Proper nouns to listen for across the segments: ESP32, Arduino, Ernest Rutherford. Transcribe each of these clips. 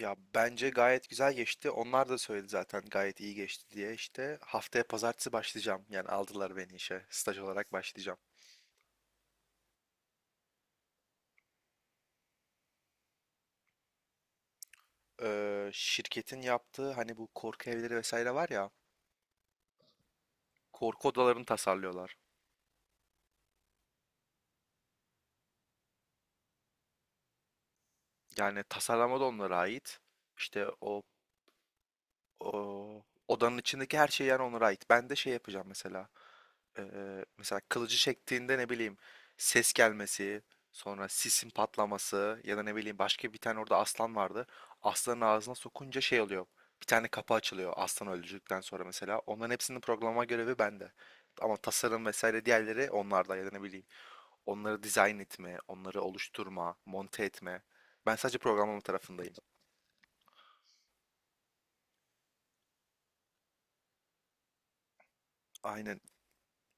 Ya bence gayet güzel geçti. Onlar da söyledi zaten gayet iyi geçti diye. İşte haftaya pazartesi başlayacağım. Yani aldılar beni işe. Staj olarak başlayacağım. Şirketin yaptığı hani bu korku evleri vesaire var ya. Korku odalarını tasarlıyorlar. Yani tasarlama da onlara ait. İşte o O, odanın içindeki her şey yani onlara ait. Ben de şey yapacağım mesela. Mesela kılıcı çektiğinde ne bileyim ses gelmesi, sonra sisin patlaması ya da ne bileyim başka bir tane orada aslan vardı. Aslanın ağzına sokunca şey oluyor. Bir tane kapı açılıyor aslan öldürdükten sonra mesela. Onların hepsinin programlama görevi bende. Ama tasarım vesaire diğerleri onlarda ya da ne bileyim. Onları dizayn etme, onları oluşturma, monte etme. Ben sadece programlama tarafındayım. Aynen.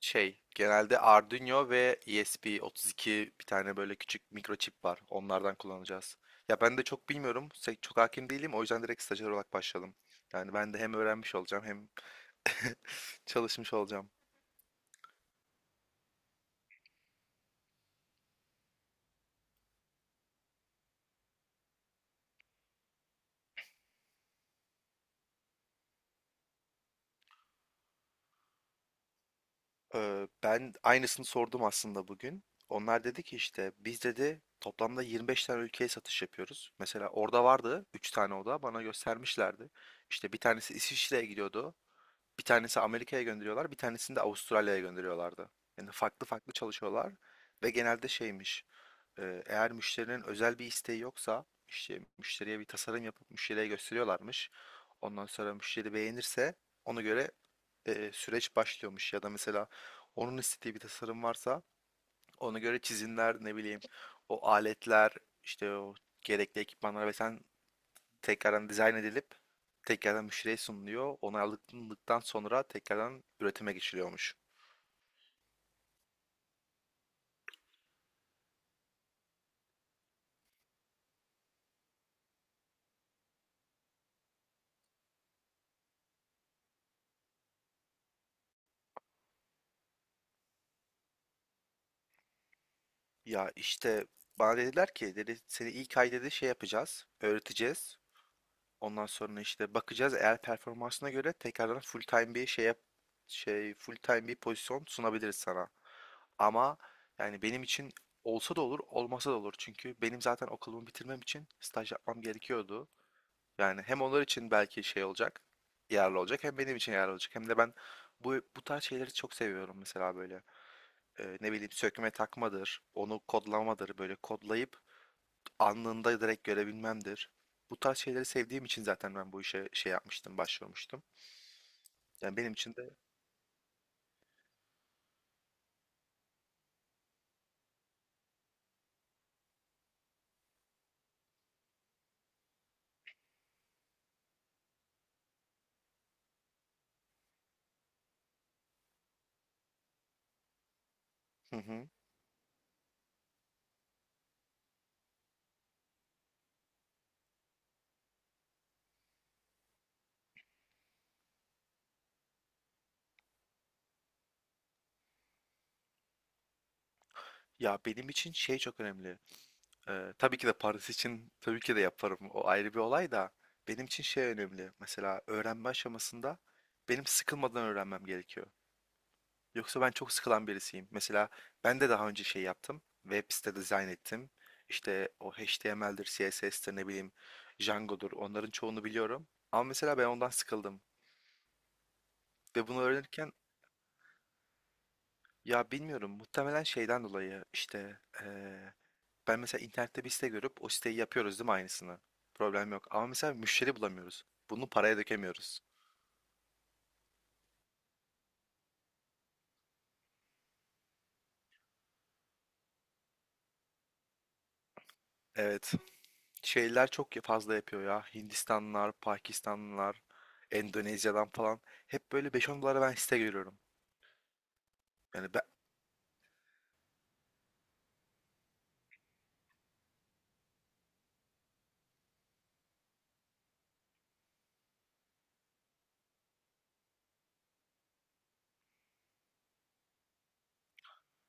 Genelde Arduino ve ESP32 bir tane böyle küçük mikroçip var. Onlardan kullanacağız. Ya ben de çok bilmiyorum. Çok hakim değilim. O yüzden direkt stajyer olarak başladım. Yani ben de hem öğrenmiş olacağım hem çalışmış olacağım. Ben aynısını sordum aslında bugün. Onlar dedi ki işte biz dedi toplamda 25 tane ülkeye satış yapıyoruz. Mesela orada vardı 3 tane oda bana göstermişlerdi. İşte bir tanesi İsviçre'ye gidiyordu. Bir tanesi Amerika'ya gönderiyorlar, bir tanesini de Avustralya'ya gönderiyorlardı. Yani farklı farklı çalışıyorlar ve genelde şeymiş, eğer müşterinin özel bir isteği yoksa, işte müşteriye bir tasarım yapıp müşteriye gösteriyorlarmış. Ondan sonra müşteri beğenirse ona göre süreç başlıyormuş ya da mesela onun istediği bir tasarım varsa ona göre çizimler ne bileyim o aletler işte o gerekli ekipmanlar ve sen tekrardan dizayn edilip tekrardan müşteriye sunuluyor. Onaylandıktan sonra tekrardan üretime geçiliyormuş. Ya işte bana dediler ki dedi seni ilk ay dedi şey yapacağız, öğreteceğiz. Ondan sonra işte bakacağız eğer performansına göre tekrardan full time bir pozisyon sunabiliriz sana. Ama yani benim için olsa da olur, olmasa da olur. Çünkü benim zaten okulumu bitirmem için staj yapmam gerekiyordu. Yani hem onlar için belki şey olacak, yararlı olacak hem benim için yararlı olacak. Hem de ben bu tarz şeyleri çok seviyorum mesela böyle. Ne bileyim sökme takmadır, onu kodlamadır, böyle kodlayıp anında direkt görebilmemdir. Bu tarz şeyleri sevdiğim için zaten ben bu işe şey yapmıştım, başvurmuştum. Yani benim için de. Hı hı. Ya benim için şey çok önemli. Tabii ki de Paris için tabii ki de yaparım. O ayrı bir olay da benim için şey önemli. Mesela öğrenme aşamasında benim sıkılmadan öğrenmem gerekiyor. Yoksa ben çok sıkılan birisiyim. Mesela ben de daha önce şey yaptım. Web site dizayn ettim. İşte o HTML'dir, CSS'tir ne bileyim Django'dur. Onların çoğunu biliyorum. Ama mesela ben ondan sıkıldım. Ve bunu öğrenirken ya bilmiyorum muhtemelen şeyden dolayı işte ben mesela internette bir site görüp o siteyi yapıyoruz değil mi aynısını? Problem yok. Ama mesela müşteri bulamıyoruz. Bunu paraya dökemiyoruz. Evet. Şeyler çok fazla yapıyor ya. Hindistanlılar, Pakistanlılar, Endonezya'dan falan. Hep böyle 5 10 dolara ben site görüyorum. Yani ben,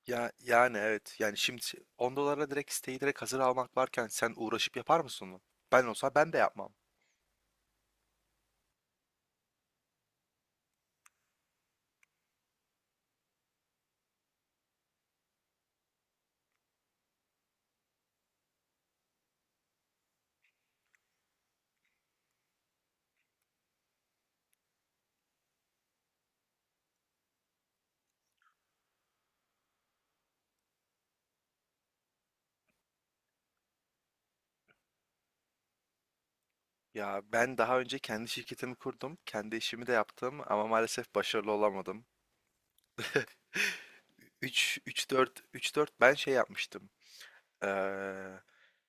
yani evet. Yani şimdi 10 dolara direkt siteyi direkt hazır almak varken sen uğraşıp yapar mısın onu? Ben olsa ben de yapmam. Ya ben daha önce kendi şirketimi kurdum. Kendi işimi de yaptım ama maalesef başarılı olamadım. 3 3 4 3 4 ben şey yapmıştım. Eee,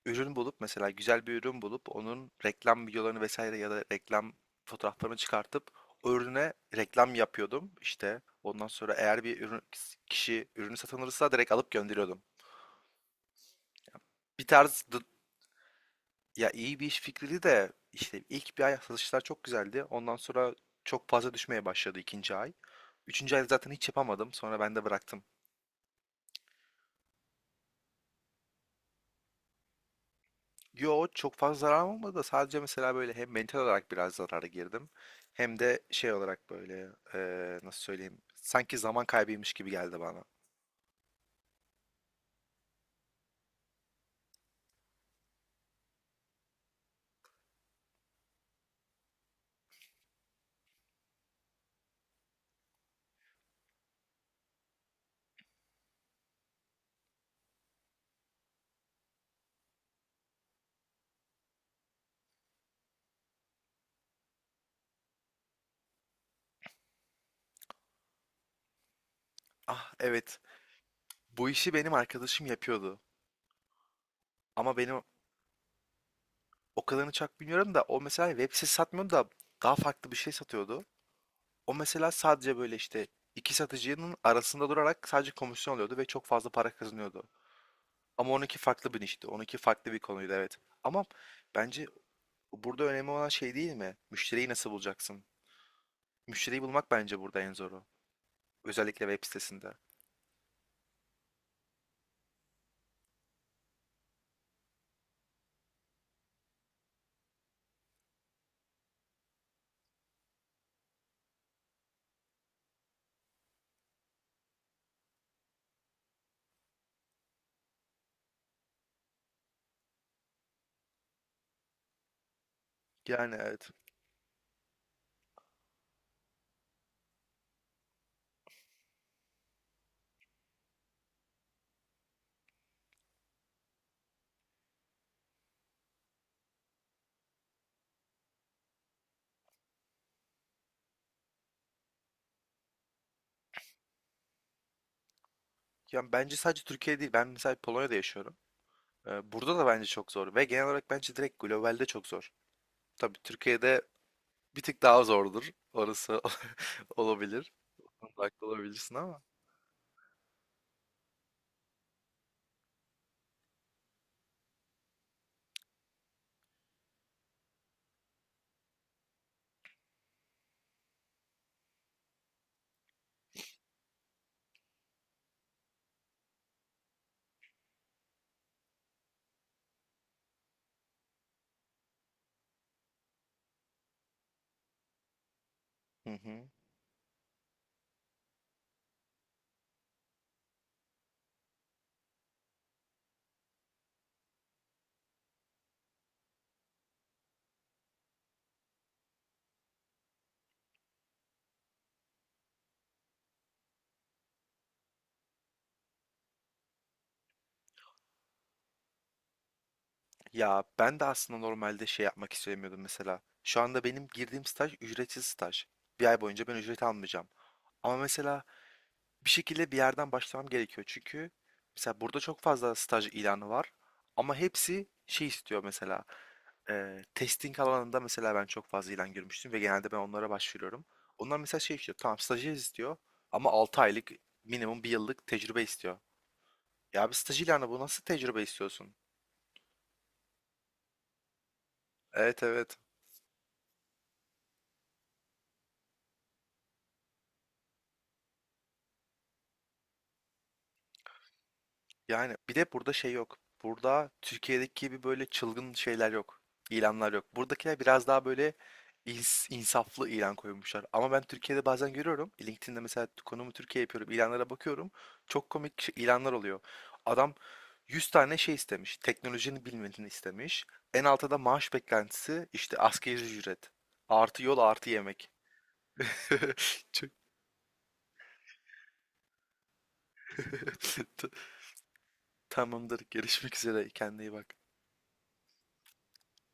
ürün bulup mesela güzel bir ürün bulup onun reklam videolarını vesaire ya da reklam fotoğraflarını çıkartıp o ürüne reklam yapıyordum. İşte ondan sonra eğer bir ürün kişi ürünü satın alırsa direkt alıp gönderiyordum. Bir tarz dı- ya iyi bir iş fikriydi de işte ilk bir ay satışlar çok güzeldi. Ondan sonra çok fazla düşmeye başladı ikinci ay. Üçüncü ay zaten hiç yapamadım. Sonra ben de bıraktım. Yo çok fazla zarar olmadı da sadece mesela böyle hem mental olarak biraz zarara girdim hem de şey olarak böyle nasıl söyleyeyim sanki zaman kaybıymış gibi geldi bana. Ah evet bu işi benim arkadaşım yapıyordu ama benim o kadarını çok bilmiyorum da o mesela hani web sitesi satmıyordu da daha farklı bir şey satıyordu. O mesela sadece böyle işte iki satıcının arasında durarak sadece komisyon alıyordu ve çok fazla para kazanıyordu. Ama onunki farklı bir işti, onunki farklı bir konuydu evet. Ama bence burada önemli olan şey değil mi? Müşteriyi nasıl bulacaksın? Müşteriyi bulmak bence burada en zoru. Özellikle web sitesinde. Yani evet. Yani bence sadece Türkiye değil. Ben mesela Polonya'da yaşıyorum. Burada da bence çok zor. Ve genel olarak bence direkt globalde çok zor. Tabii Türkiye'de bir tık daha zordur. Orası olabilir. Onda haklı olabilirsin ama. Hı hı. Ya ben de aslında normalde şey yapmak istemiyordum mesela. Şu anda benim girdiğim staj ücretsiz staj. Bir ay boyunca ben ücret almayacağım. Ama mesela bir şekilde bir yerden başlamam gerekiyor. Çünkü mesela burada çok fazla staj ilanı var ama hepsi şey istiyor mesela. Testing alanında mesela ben çok fazla ilan görmüştüm ve genelde ben onlara başvuruyorum. Onlar mesela şey istiyor. Tamam stajyer istiyor ama 6 aylık minimum bir yıllık tecrübe istiyor. Ya bir staj ilanı bu nasıl tecrübe istiyorsun? Evet, evet. Yani bir de burada şey yok. Burada Türkiye'deki gibi böyle çılgın şeyler yok. İlanlar yok. Buradakiler biraz daha böyle insaflı ilan koymuşlar. Ama ben Türkiye'de bazen görüyorum. LinkedIn'de mesela konumu Türkiye yapıyorum. İlanlara bakıyorum. Çok komik ilanlar oluyor. Adam 100 tane şey istemiş. Teknolojinin bilmediğini istemiş. En altta da maaş beklentisi işte asgari ücret. Artı yol artı yemek. Çok- Tamamdır. Görüşmek üzere. Kendine iyi bak.